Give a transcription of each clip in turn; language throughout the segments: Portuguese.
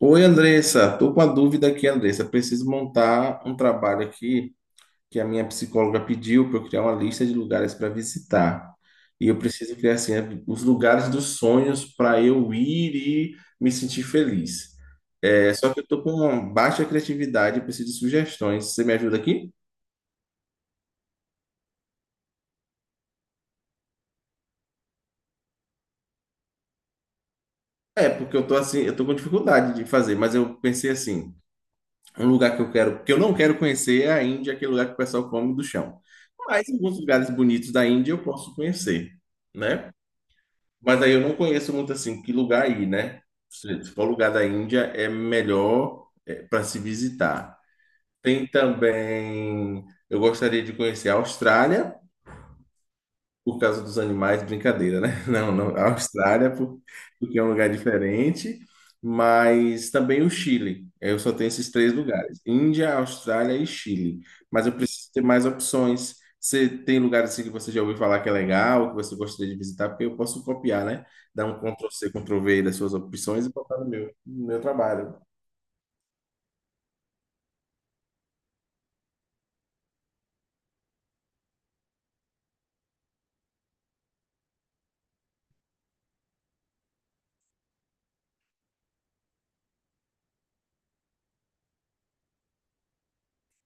Oi, Andressa. Tô com uma dúvida aqui, Andressa. Preciso montar um trabalho aqui que a minha psicóloga pediu para eu criar uma lista de lugares para visitar. E eu preciso criar assim né, os lugares dos sonhos para eu ir e me sentir feliz. É, só que eu tô com uma baixa criatividade, eu preciso de sugestões. Você me ajuda aqui? É, porque eu tô assim, eu tô com dificuldade de fazer, mas eu pensei assim, um lugar que eu quero, que eu não quero conhecer é a Índia, aquele lugar que o pessoal come do chão. Mas alguns lugares bonitos da Índia eu posso conhecer, né? Mas aí eu não conheço muito assim, que lugar aí, né? Se for lugar da Índia, é melhor para se visitar. Tem também, eu gostaria de conhecer a Austrália. Por causa dos animais, brincadeira, né? Não, não, a Austrália, porque é um lugar diferente, mas também o Chile. Eu só tenho esses três lugares: Índia, Austrália e Chile. Mas eu preciso ter mais opções. Você tem lugares assim que você já ouviu falar que é legal, que você gostaria de visitar, porque eu posso copiar, né? Dar um Ctrl+C, Ctrl+V das suas opções e botar no meu, no meu trabalho.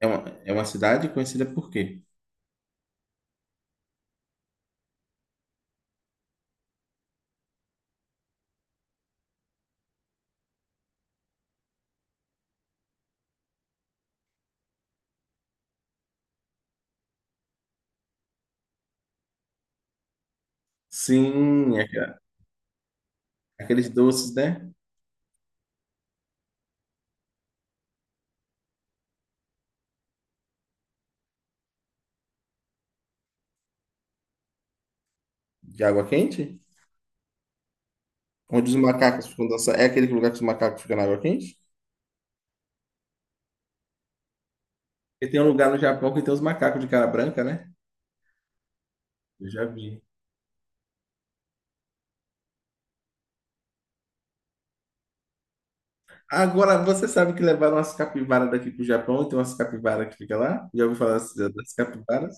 É uma cidade conhecida por quê? Sim, aqueles doces, né? De água quente? Onde os macacos ficam dançando. É aquele lugar que os macacos ficam na água quente? E tem um lugar no Japão que tem os macacos de cara branca, né? Eu já vi. Agora, você sabe que levaram umas capivaras daqui pro Japão e tem umas capivaras que fica lá? Já ouviu falar das capivaras?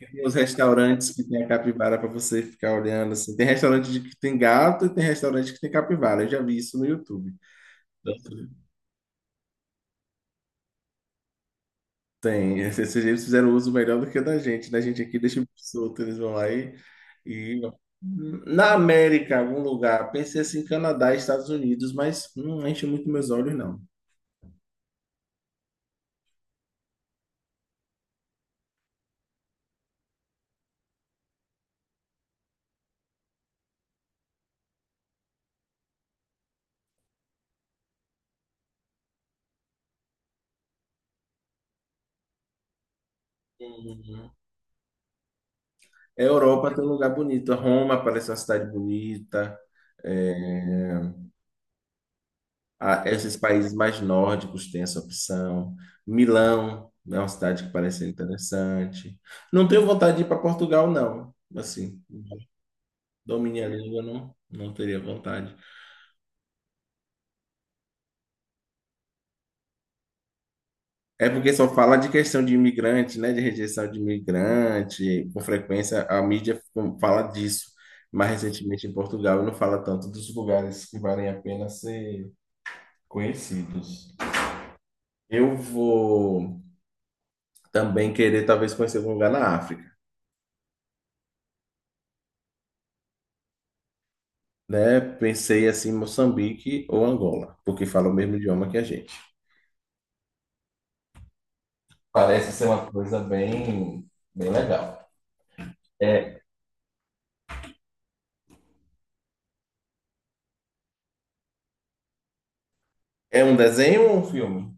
E tem os restaurantes que tem a capivara para você ficar olhando assim. Tem que tem gato e tem restaurante que tem capivara. Eu já vi isso no YouTube. Tem, esses eles fizeram um uso melhor do que o da gente, né? A gente aqui deixa solto, eles vão lá e... na América, algum lugar, pensei assim, Canadá, Estados Unidos, mas não enche muito meus olhos, não. Uhum. A Europa tem um lugar bonito, Roma parece uma cidade bonita, é, esses países mais nórdicos têm essa opção, Milão é uma cidade que parece interessante. Não tenho vontade de ir para Portugal, não, assim, domine a língua, não, não teria vontade. É porque só fala de questão de imigrante, né? De rejeição de imigrante. Com frequência a mídia fala disso. Mas recentemente em Portugal não fala tanto dos lugares que valem a pena ser conhecidos. Eu vou também querer talvez conhecer algum lugar na África, né? Pensei assim, Moçambique ou Angola, porque fala o mesmo idioma que a gente. Parece ser uma coisa bem, bem legal. É, é um desenho ou um filme?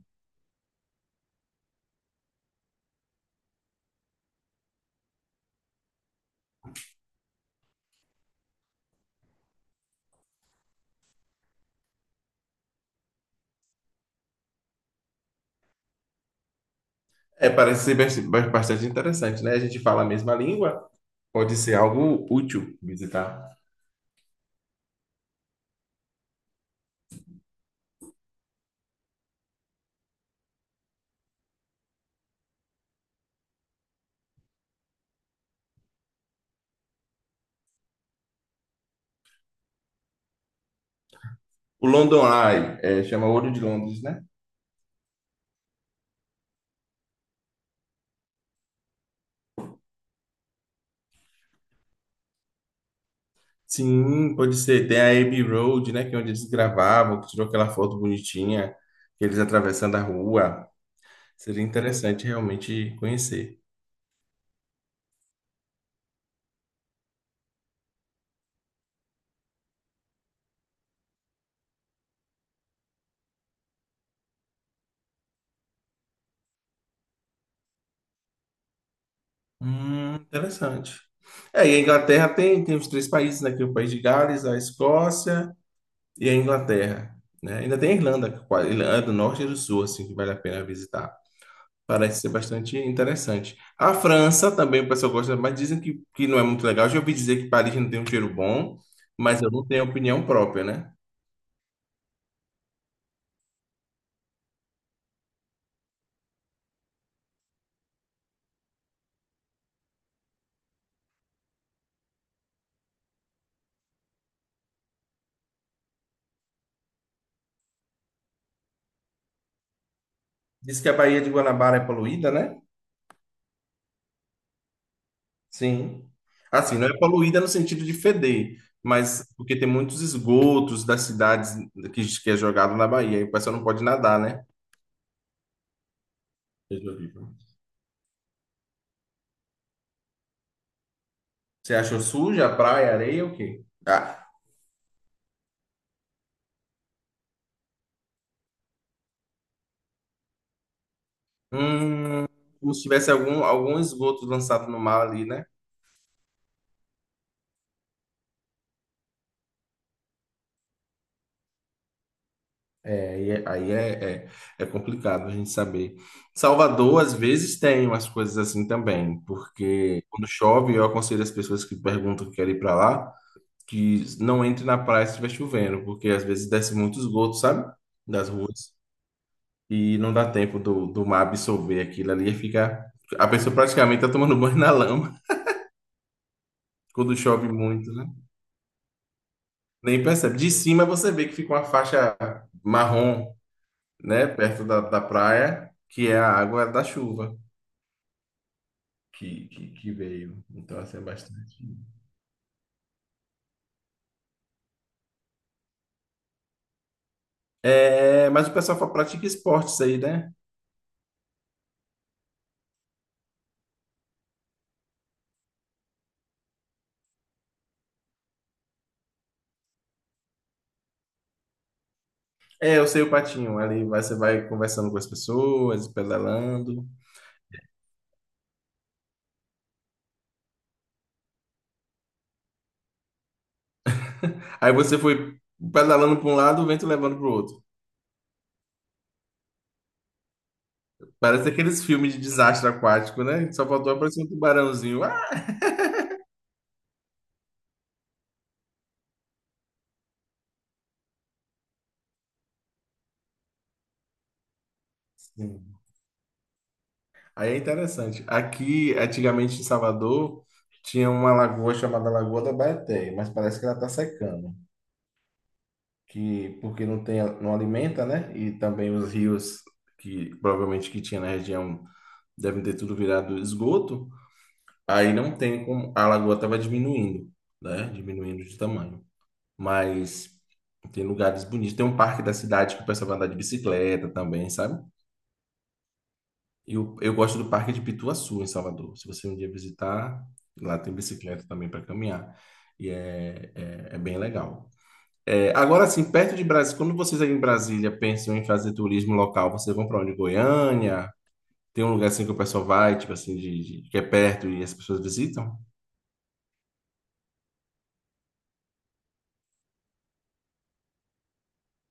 É, parece ser bastante interessante, né? A gente fala a mesma língua, pode ser algo útil visitar. O London Eye, é, chama ouro de Londres, né? Sim, pode ser. Tem a Abbey Road, né? Que é onde eles gravavam, que tirou aquela foto bonitinha, eles atravessando a rua. Seria interessante realmente conhecer. Interessante. É, e a Inglaterra tem, tem os três países, né? Que é o país de Gales, a Escócia e a Inglaterra, né? Ainda tem a Irlanda, que Irlanda do Norte e do Sul, assim, que vale a pena visitar. Parece ser bastante interessante. A França também o pessoal gosta, mas dizem que não é muito legal. Já ouvi dizer que Paris não tem um cheiro bom, mas eu não tenho opinião própria, né? Diz que a Baía de Guanabara é poluída, né? Sim. Assim, não é poluída no sentido de feder, mas porque tem muitos esgotos das cidades que é jogado na Bahia, e o pessoal não pode nadar, né? Coisa horrível. Você achou suja a praia, a areia ou o quê? Ah, hum, como se tivesse algum, algum esgoto lançado no mar ali, né? É, aí é, aí é, é- é complicado a gente saber. Salvador, às vezes, tem umas coisas assim também, porque quando chove, eu aconselho as pessoas que perguntam que querem ir para lá, que não entre na praia se estiver chovendo, porque às vezes desce muito esgoto, sabe? Das ruas. E não dá tempo do, do mar absorver aquilo ali e fica. A pessoa praticamente tá tomando banho na lama quando chove muito, né? Nem percebe. De cima você vê que fica uma faixa marrom, né? Perto da, da praia, que é a água da chuva. Que veio. Então, assim, é bastante. É, mas o pessoal pratica esportes aí, né? É, eu sei o patinho. Você vai conversando com as pessoas, pedalando. Aí você foi pedalando para um lado, o vento levando para o outro. Parece aqueles filmes de desastre aquático, né? Só faltou aparecer um tubarãozinho. Ah! Sim. Aí é interessante. Aqui, antigamente em Salvador, tinha uma lagoa chamada Lagoa da Baeté, mas parece que ela está secando. Que porque não tem, não alimenta, né? E também os rios que provavelmente que tinha na região devem ter tudo virado esgoto. Aí não tem como, a lagoa estava diminuindo, né? Diminuindo de tamanho. Mas tem lugares bonitos. Tem um parque da cidade que o pessoal vai andar de bicicleta também, sabe? E eu gosto do parque de Pituaçu, em Salvador. Se você um dia visitar, lá tem bicicleta também para caminhar. E é bem legal. É, agora, assim, perto de Brasília, quando vocês aí em Brasília pensam em fazer turismo local, vocês vão para onde? Goiânia? Tem um lugar assim que o pessoal vai, tipo assim, que é perto e as pessoas visitam?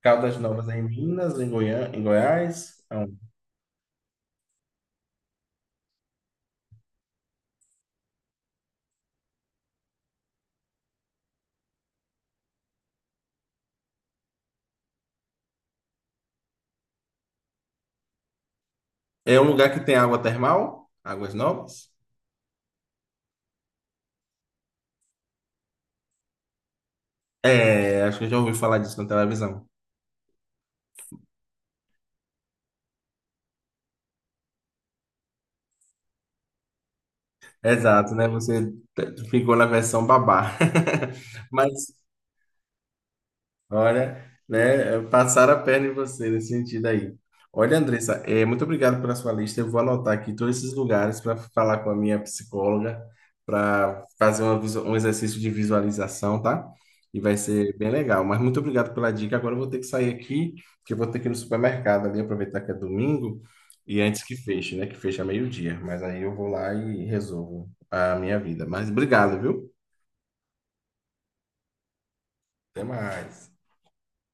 Caldas Novas é em Minas, em Goiânia, em Goiás? Não. É um lugar que tem água termal? Águas Novas? É, acho que eu já ouvi falar disso na televisão. Exato, né? Ficou na versão babá. Mas olha, né, passaram a perna em você nesse sentido aí. Olha, Andressa, é, muito obrigado pela sua lista. Eu vou anotar aqui todos esses lugares para falar com a minha psicóloga, para fazer uma um exercício de visualização, tá? E vai ser bem legal. Mas muito obrigado pela dica. Agora eu vou ter que sair aqui, que eu vou ter que ir no supermercado ali, aproveitar que é domingo, e antes que feche, né? Que fecha meio-dia. Mas aí eu vou lá e resolvo a minha vida. Mas obrigado, viu? Até mais.